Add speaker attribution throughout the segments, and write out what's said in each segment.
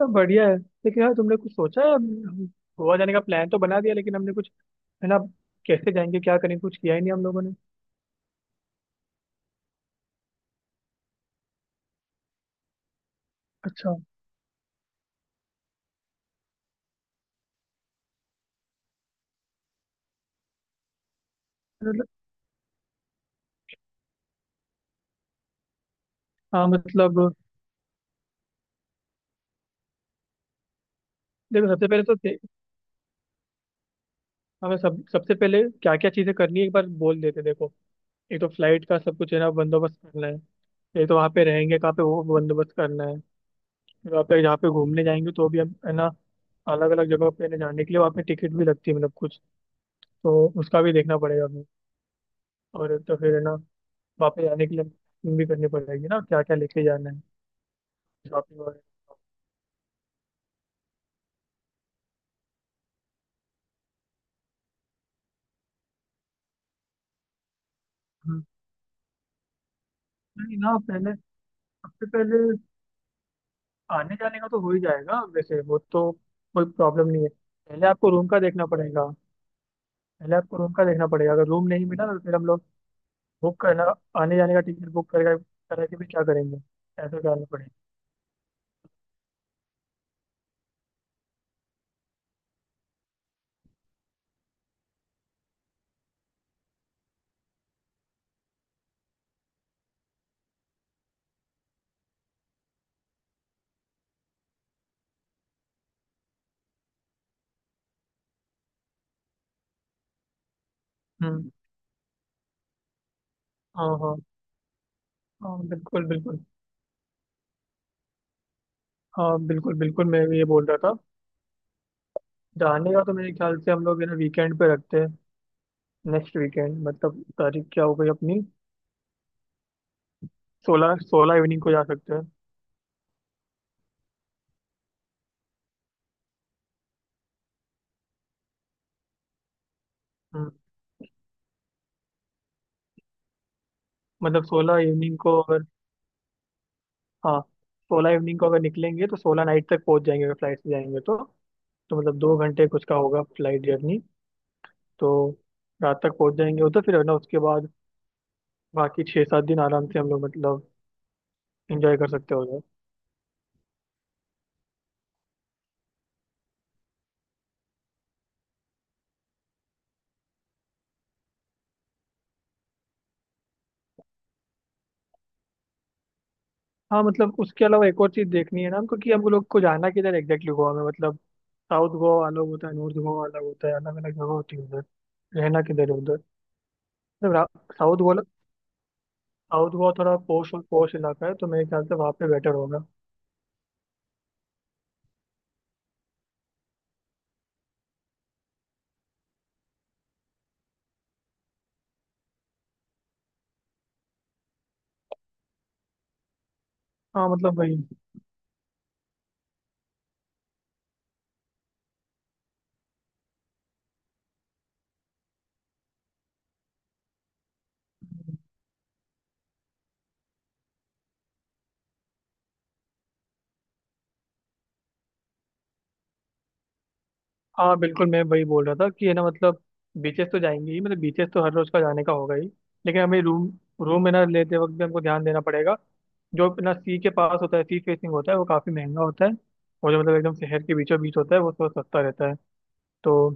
Speaker 1: सब बढ़िया है लेकिन यार तुमने कुछ सोचा है। हम गोवा जाने का प्लान तो बना दिया लेकिन हमने कुछ है ना कैसे जाएंगे क्या करेंगे कुछ किया ही नहीं हम लोगों ने। अच्छा। मतलब- हाँ मतलब देखो सबसे पहले तो हमें सब सबसे पहले क्या क्या चीजें करनी है एक बार बोल देते देखो। एक तो फ्लाइट का सब कुछ है ना बंदोबस्त करना है। एक तो वहाँ पे रहेंगे कहाँ पे वो बंदोबस्त करना है। फिर वहाँ पे जहाँ पे घूमने जाएंगे तो भी हम है ना अलग अलग जगह पे ना जाने के लिए वहाँ पे टिकट भी लगती है मतलब कुछ, तो उसका भी देखना पड़ेगा हमें। और एक तो फिर है ना वापस जाने के लिए packing भी करनी पड़ेगी ना, क्या क्या लेके जाना है, शॉपिंग वगैरह। हम्म। नहीं ना पहले, सबसे पहले आने जाने का तो हो ही जाएगा वैसे वो तो, कोई प्रॉब्लम नहीं है। पहले आपको रूम का देखना पड़ेगा। पहले आपको रूम का देखना पड़ेगा, अगर रूम नहीं मिला ना तो फिर हम लोग बुक करना आने जाने का टिकट बुक करेगा करा के भी क्या करेंगे। ऐसा करना पड़ेगा। हम्म। हाँ हाँ। हाँ बिल्कुल बिल्कुल। हाँ बिल्कुल बिल्कुल, मैं भी ये बोल रहा था। जाने का तो मेरे ख्याल से हम लोग है ना वीकेंड पे रखते हैं, नेक्स्ट वीकेंड। मतलब तारीख क्या हो गई अपनी? 16, 16 इवनिंग को जा सकते हैं। हम्म। मतलब 16 इवनिंग को अगर, हाँ, 16 इवनिंग को अगर निकलेंगे तो सोलह नाइट तक पहुंच जाएंगे अगर फ्लाइट से जाएंगे तो मतलब 2 घंटे कुछ का होगा फ्लाइट जर्नी। तो रात तक पहुंच जाएंगे उधर फिर है ना उसके बाद बाकी 6-7 दिन आराम से हम लोग मतलब इंजॉय कर सकते हो उधर। हाँ मतलब उसके अलावा एक और चीज़ देखनी है ना हमको कि हम लोग को जाना किधर एग्जैक्टली गोवा में। मतलब साउथ गोवा अलग होता है, नॉर्थ गोवा अलग होता है, अलग अलग जगह होती है उधर। रहना किधर है उधर। मतलब साउथ, साउथ गोवा थोड़ा पॉश और पॉश इलाका है तो मेरे ख्याल से वहाँ पे बेटर होगा। हाँ मतलब वही। हाँ बिल्कुल मैं वही बोल रहा था कि है ना मतलब बीचेस तो जाएंगे ही, मतलब बीचेस तो हर रोज का जाने का होगा ही। लेकिन हमें रूम रूम में ना लेते वक्त भी हमको ध्यान देना पड़ेगा। जो अपना सी के पास होता है सी फेसिंग होता है वो काफ़ी महंगा होता है। और जो मतलब एकदम शहर के बीचों बीच होता है वो थोड़ा सस्ता रहता है। तो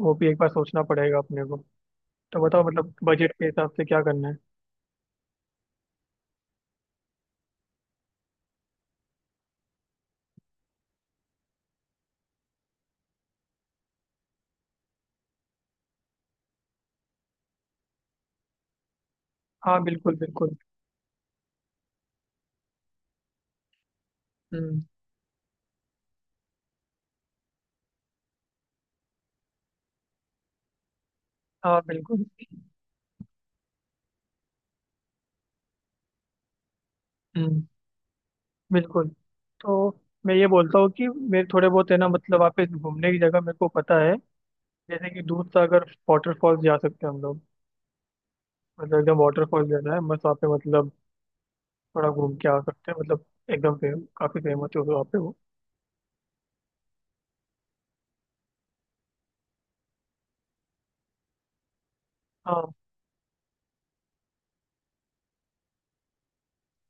Speaker 1: वो भी एक बार सोचना पड़ेगा अपने को। तो बताओ मतलब बजट के हिसाब से क्या करना है। हाँ बिल्कुल बिल्कुल। हम्म। हाँ बिल्कुल। हम्म। बिल्कुल। तो मैं ये बोलता हूँ कि मेरे थोड़े बहुत है ना मतलब वहाँ पे घूमने की जगह मेरे को पता है। जैसे कि दूध सागर वाटरफॉल्स जा सकते हैं हम लोग। मतलब एकदम वाटरफॉल जाना है बस वहाँ पे मतलब थोड़ा घूम के आ सकते हैं, मतलब एकदम काफी फेमस है वहाँ पे वो। हाँ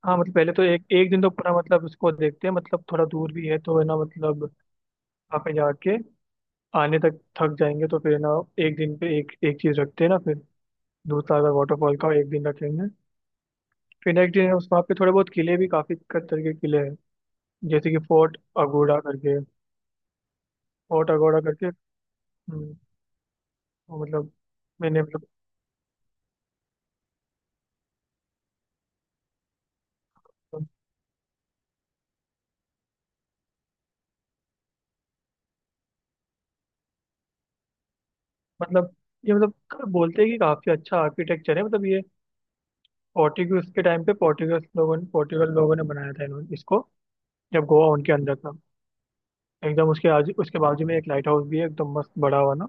Speaker 1: हाँ। मतलब पहले तो एक एक दिन तो पूरा मतलब उसको देखते हैं, मतलब थोड़ा दूर भी है तो है ना मतलब वहाँ पे जाके आने तक थक जाएंगे तो फिर ना, एक दिन पे एक एक चीज रखते हैं ना फिर। दूध सागर वाटरफॉल का एक दिन रखेंगे। फिर नेक्स्ट दिन उस वहाँ पे थोड़े बहुत किले भी काफी तरीके के किले हैं जैसे कि फोर्ट अगोड़ा करके। फोर्ट अगोड़ा करके हम्म, वो मतलब। मैंने मतलब। मतलब ये मतलब बोलते हैं कि काफी अच्छा आर्किटेक्चर है। मतलब ये पोर्टुगीज के टाइम पे पोर्टुगीज लोगों ने पोर्टुगल लोगों ने बनाया था इन्होंने इसको जब गोवा उनके अंदर था। एकदम उसके आज उसके बाजू में एक लाइट हाउस भी है एकदम मस्त बड़ा हुआ ना।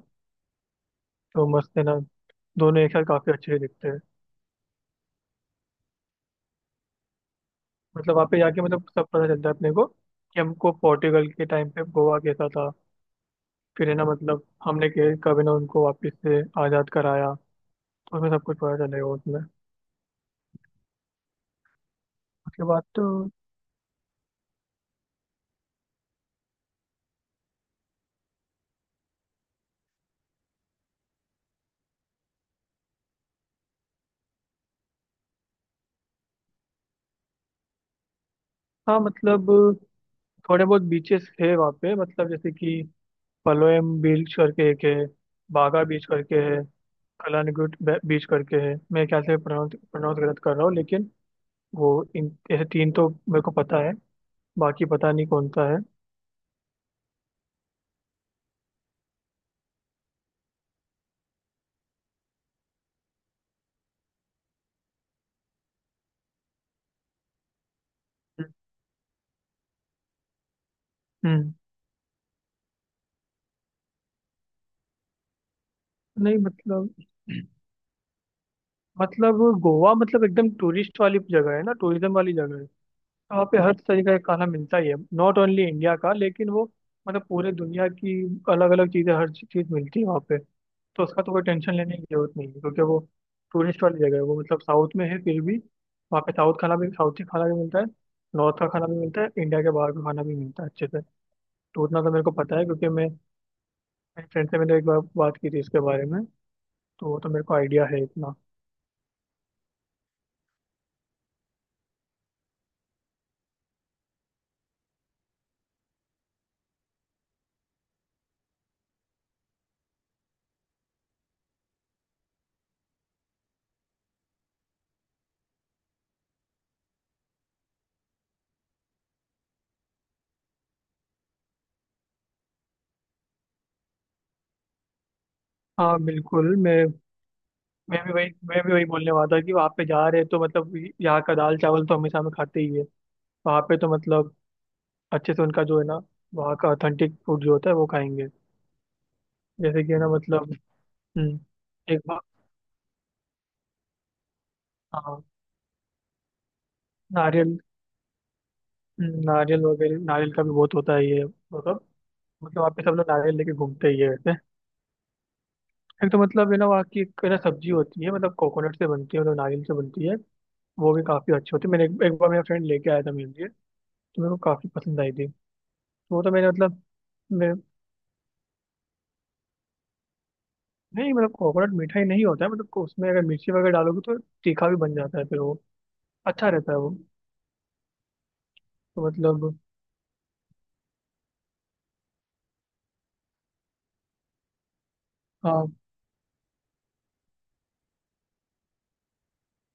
Speaker 1: तो मस्त है ना, दोनों एक साथ काफी अच्छे दिखते हैं। मतलब वहाँ पे जाके मतलब सब पता चलता है अपने को कि हमको पोर्टुगल के टाइम पे गोवा कैसा था। फिर है ना मतलब हमने कब है ना उनको वापस से आज़ाद कराया, उसमें सब कुछ पता चलेगा उसमें। उसके बाद तो। हाँ मतलब थोड़े बहुत बीचेस है वहाँ पे मतलब जैसे कि पलोयम बीच करके एक है, बागा बीच करके है, कलानगुट बीच करके है। मैं क्या से प्रोनाउंस प्रोनाउंस गलत कर रहा हूँ लेकिन वो, इन ऐसे तीन तो मेरे को पता है। बाकी पता नहीं कौन सा है। हम्म। नहीं मतलब, मतलब गोवा मतलब एकदम टूरिस्ट वाली जगह है ना टूरिज्म वाली जगह है। वहाँ पे हर तरीके का खाना मिलता ही है नॉट ओनली इंडिया का लेकिन वो, मतलब पूरे दुनिया की अलग अलग चीज़ें हर चीज़ मिलती है वहाँ पे। तो उसका तो कोई टेंशन लेने की जरूरत नहीं है क्योंकि वो टूरिस्ट वाली जगह है वो, मतलब साउथ में है फिर भी वहाँ पे साउथ खाना भी साउथी खाना भी मिलता है, नॉर्थ का खाना भी मिलता है, इंडिया के बाहर का खाना भी मिलता है अच्छे से। तो उतना तो मेरे को पता है क्योंकि मैं, मेरे फ्रेंड से मैंने एक बार बात की थी इसके बारे में। तो वो तो मेरे को आइडिया है इतना। हाँ बिल्कुल मैं, मैं भी वही बोलने वाला था कि वहाँ पे जा रहे हैं तो मतलब यहाँ का दाल चावल तो हमेशा हम खाते ही है। वहाँ पे तो मतलब अच्छे से उनका जो है ना वहाँ का ऑथेंटिक फूड जो होता है वो खाएंगे। जैसे कि है ना मतलब। हम्म, एक बार। हाँ। नारियल। नारियल वगैरह नारियल का भी बहुत होता है ये मतलब। मतलब वहाँ पे सब लोग नारियल लेके घूमते ही है वैसे। एक तो मतलब है ना वहाँ की एक है ना सब्जी होती है मतलब कोकोनट से बनती है मतलब नारियल से बनती है, वो भी काफ़ी अच्छी होती है। मैंने एक बार मेरा फ्रेंड लेके आया था मेरे लिए तो मेरे को काफ़ी पसंद आई थी। तो वो तो मैंने मतलब। मैं, नहीं मतलब कोकोनट मीठा ही नहीं होता है, मतलब उसमें अगर मिर्ची वगैरह डालोगे तो तीखा भी बन जाता है फिर वो, अच्छा रहता है वो। तो मतलब। हाँ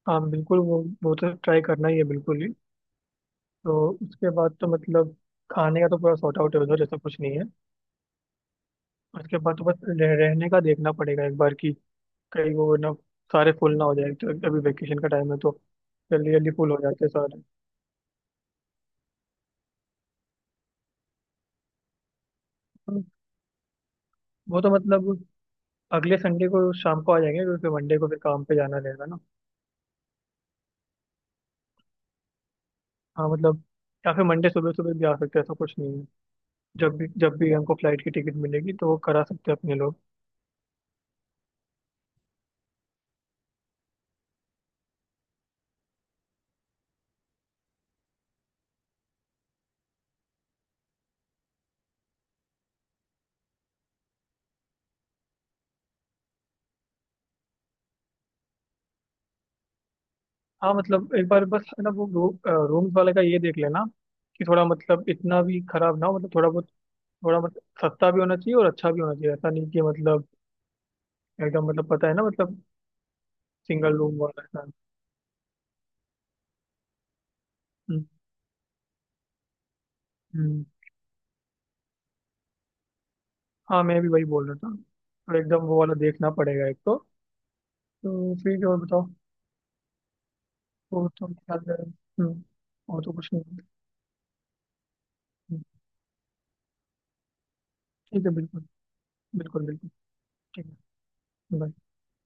Speaker 1: हाँ बिल्कुल वो तो ट्राई करना ही है बिल्कुल ही। तो उसके बाद तो मतलब खाने का तो पूरा सॉर्ट आउट है उधर ऐसा कुछ नहीं है। उसके बाद तो बस रहने का देखना पड़ेगा एक बार कि कहीं वो ना सारे फुल ना हो जाए, तो अभी वेकेशन का टाइम है तो जल्दी जल्दी फुल हो जाते हैं सारे। तो वो तो मतलब अगले संडे को शाम को आ जाएंगे क्योंकि फिर मंडे को फिर काम पे जाना रहेगा ना। हाँ मतलब या फिर मंडे सुबह सुबह भी आ सकते हैं ऐसा कुछ नहीं है। जब भी हमको फ्लाइट की टिकट मिलेगी तो वो करा सकते हैं अपने लोग। हाँ मतलब एक बार बस है ना वो रूम्स वाले का ये देख लेना कि थोड़ा मतलब इतना भी खराब ना हो मतलब थोड़ा बहुत, थोड़ा मतलब सस्ता भी होना चाहिए और अच्छा भी होना चाहिए ऐसा नहीं कि मतलब एकदम मतलब पता है ना मतलब सिंगल रूम वाला ऐसा। हम्म। हम्म। हाँ मैं भी वही बोल रहा था तो एकदम वो वाला देखना पड़ेगा एक तो। तो फिर और बताओ, वो तो क्या है। हम्म। और तो कुछ नहीं। हम्म, ठीक है बिल्कुल। बिल्कुल बिल्कुल। ठीक है। bye।